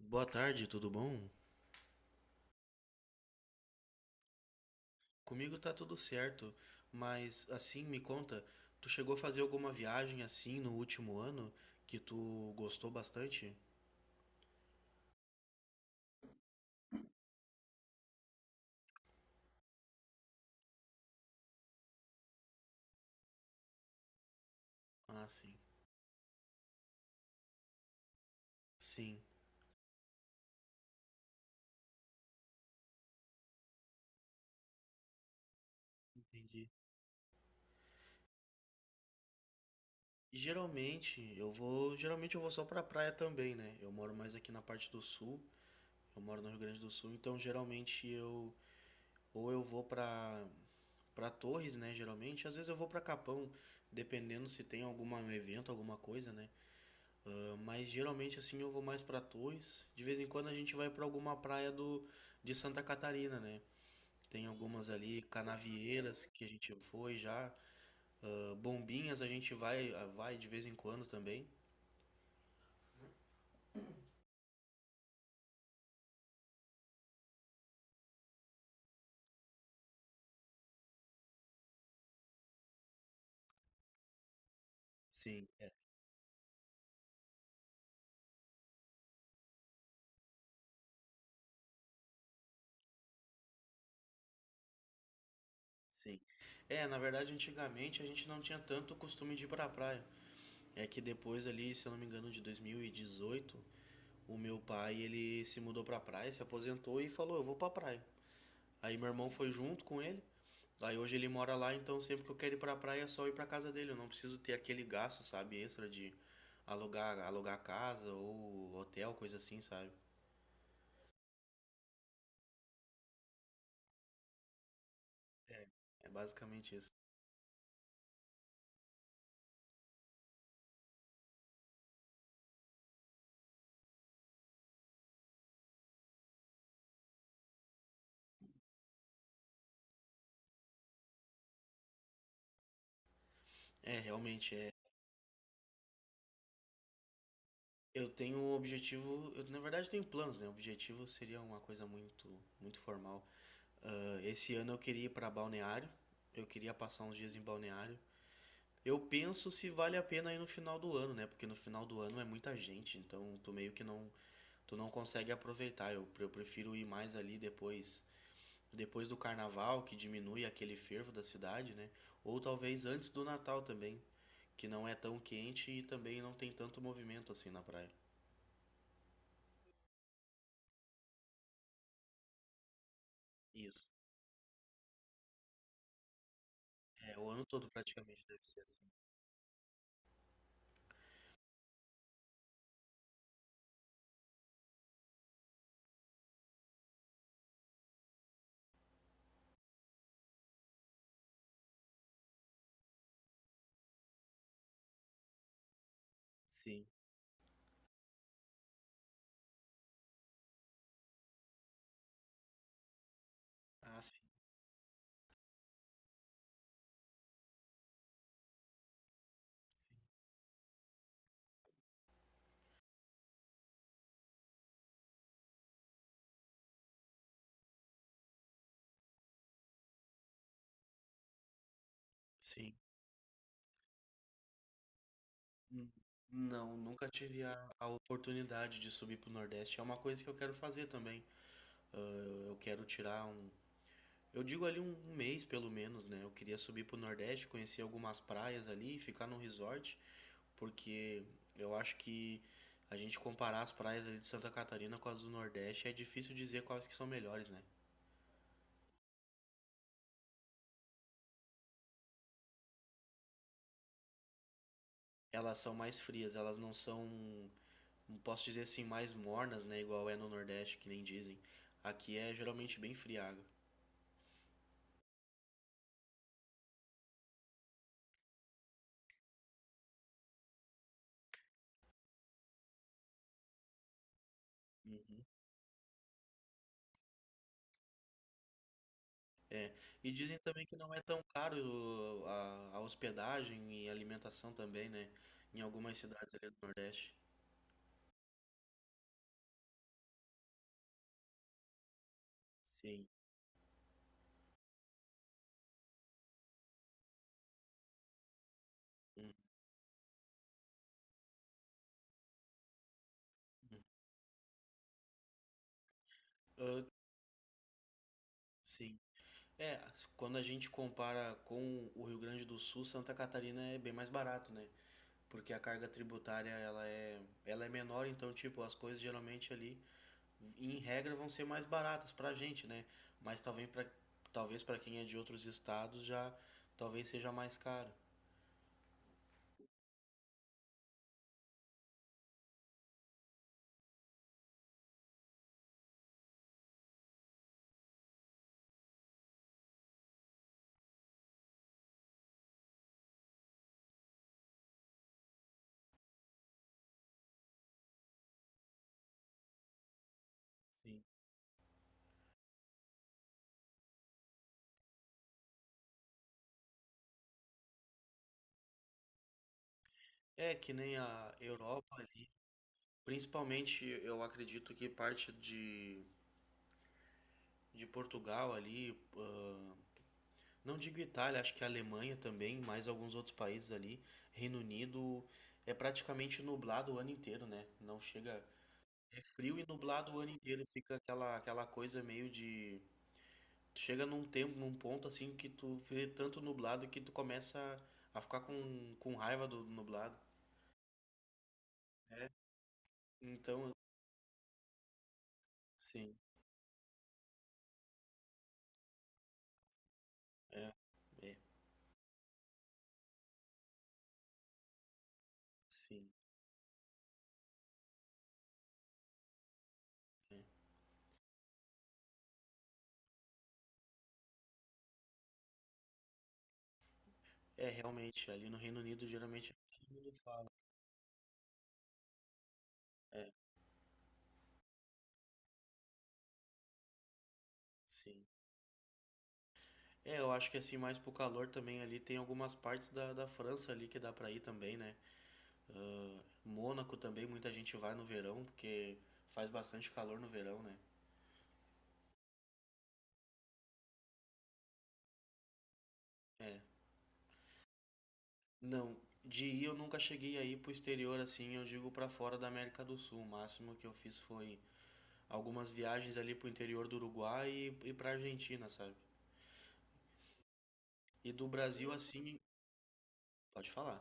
Boa tarde, tudo bom? Comigo tá tudo certo, mas assim, me conta, tu chegou a fazer alguma viagem assim no último ano que tu gostou bastante? Ah, sim. Sim, entendi. Geralmente, eu vou só pra praia também, né? Eu moro mais aqui na parte do sul, eu moro no Rio Grande do Sul, então geralmente eu vou pra para Torres, né, geralmente, às vezes eu vou pra Capão, dependendo se tem algum evento, alguma coisa, né? Ah, mas geralmente assim eu vou mais para Torres. De vez em quando a gente vai para alguma praia do de Santa Catarina, né? Tem algumas ali, Canavieiras que a gente foi já. Ah, Bombinhas a gente vai de vez em quando também. Sim, é, sim. É, na verdade antigamente a gente não tinha tanto costume de ir pra praia. É que depois ali, se eu não me engano, de 2018, o meu pai ele se mudou pra praia, se aposentou e falou, eu vou pra praia. Aí meu irmão foi junto com ele. Aí hoje ele mora lá, então sempre que eu quero ir pra praia é só ir pra casa dele. Eu não preciso ter aquele gasto, sabe, extra de alugar casa ou hotel, coisa assim, sabe? É basicamente isso. É, realmente é. Eu tenho um objetivo, eu na verdade tenho planos, né? O objetivo seria uma coisa muito, muito formal. Ah, esse ano eu queria ir pra Balneário. Eu queria passar uns dias em Balneário. Eu penso se vale a pena ir no final do ano, né? Porque no final do ano é muita gente, então tu meio que não consegue aproveitar. Eu prefiro ir mais ali depois do carnaval, que diminui aquele fervo da cidade, né? Ou talvez antes do Natal também, que não é tão quente e também não tem tanto movimento assim na praia. Isso. É, o ano todo praticamente deve ser assim. Sim. Ah, sim. Sim. Hum. Não, nunca tive a oportunidade de subir pro Nordeste. É uma coisa que eu quero fazer também. Ah, eu quero tirar um. Eu digo ali um mês pelo menos, né? Eu queria subir pro Nordeste, conhecer algumas praias ali, ficar num resort, porque eu acho que a gente comparar as praias ali de Santa Catarina com as do Nordeste é difícil dizer quais que são melhores, né? Elas são mais frias, elas não são, não posso dizer assim, mais mornas, né? Igual é no Nordeste, que nem dizem. Aqui é geralmente bem fria a água. Uhum. E dizem também que não é tão caro, a hospedagem e alimentação também, né? Em algumas cidades ali do Nordeste. Sim. Uhum. Ah, sim. É, as- quando a gente compara com o Rio Grande do Sul, Santa Catarina é bem mais barato, né? Porque a carga tributária ela é menor, então tipo, as coisas geralmente ali, em regra, vão ser mais baratas pra gente, né? Mas talvez para quem é de outros estados já talvez seja mais caro. Sim. É que nem a Europa ali, principalmente eu acredito que parte de Portugal ali. Ah, não digo Itália, acho que a Alemanha também, mais alguns outros países ali. Reino Unido é praticamente nublado o ano inteiro, né? Não chega frio e nublado o ano inteiro, fica aquela coisa meio de. Chega num tempo, num ponto assim que tu vê tanto nublado que tu começa a ficar com raiva do nublado. Então, sim, é, é, sim. É realmente, ali no Reino Unido geralmente todo mundo fala. É, sim. É, eu acho que assim, mais pro calor também ali, tem algumas partes da França ali que dá pra ir também, né? Mônaco também, muita gente vai no verão, porque faz bastante calor no verão, né? É. Não, de ir eu nunca cheguei a ir pro exterior assim, eu digo pra fora da América do Sul. O máximo que eu fiz foi algumas viagens ali pro interior do Uruguai e pra Argentina, sabe? E do Brasil assim, pode falar.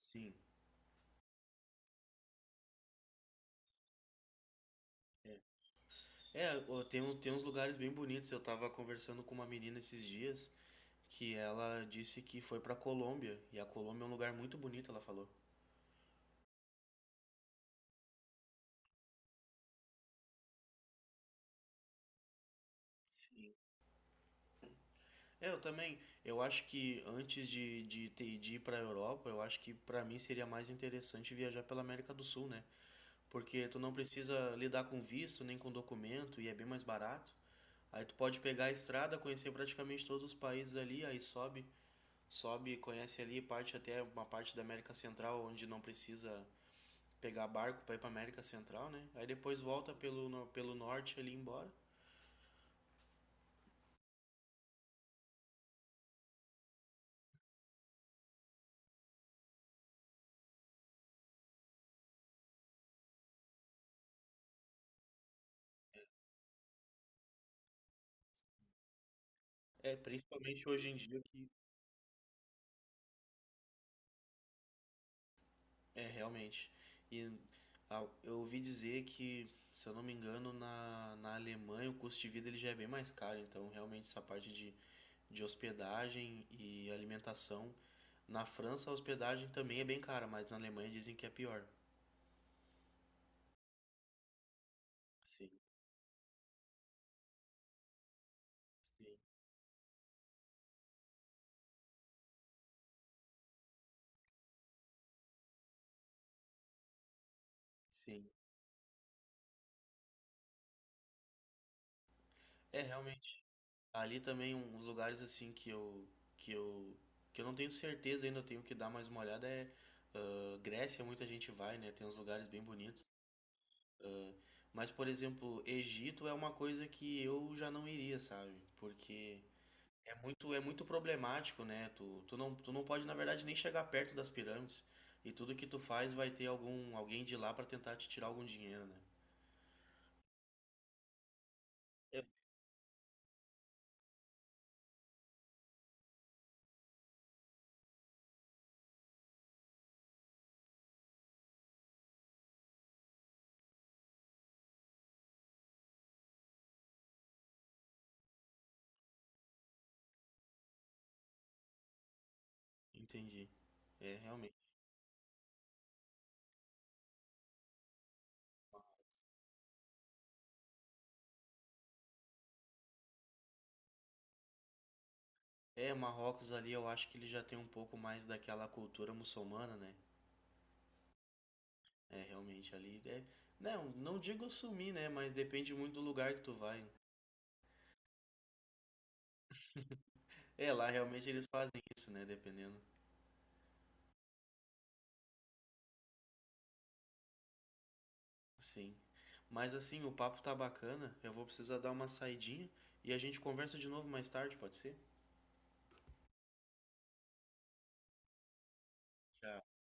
Sim. É, é ó, tem, um- tem uns lugares bem bonitos. Eu tava conversando com uma menina esses dias, que ela disse que foi pra Colômbia. E a Colômbia é um lugar muito bonito, ela falou. Sim. Eu também, eu acho que antes de, ter- de ir pra Europa, eu acho que pra mim seria mais interessante viajar pela América do Sul, né? Porque tu não precisa lidar com visto nem com documento e é bem mais barato. Aí tu pode pegar a estrada, conhecer praticamente todos os países ali, aí sobe, conhece ali parte até uma parte da América Central onde não precisa pegar barco para ir para América Central, né? Aí depois volta pelo, no- pelo norte ali embora. É, principalmente hoje em dia que é realmente. E ah, eu ouvi dizer que, se eu não me engano, na Alemanha o custo de vida ele já é bem mais caro, então realmente essa parte de hospedagem e alimentação. Na França a hospedagem também é bem cara, mas na Alemanha dizem que é pior. Sim, sim, sim. É realmente. Ali também um- uns lugares assim que eu que eu não tenho certeza ainda, eu tenho que dar mais uma olhada é ah, Grécia, muita gente vai, né? Tem uns lugares bem bonitos. Ah, mas por exemplo, Egito é uma coisa que eu já não iria, sabe? Porque é muito problemático, né? Tu tu não pode na verdade nem chegar perto das pirâmides e tudo que tu faz vai ter algum alguém de lá pra tentar te tirar algum dinheiro, né? Eu- Entendi. É, realmente. É, Marrocos ali eu acho que ele já tem um pouco mais daquela cultura muçulmana, né? É, realmente ali é. Não, não digo sumir, né? Mas depende muito do lugar que tu vai, né? É, lá realmente eles fazem isso, né? Dependendo. Sim. Mas assim, o papo tá bacana. Eu vou precisar dar uma saidinha e a gente conversa de novo mais tarde, pode ser? Tchau.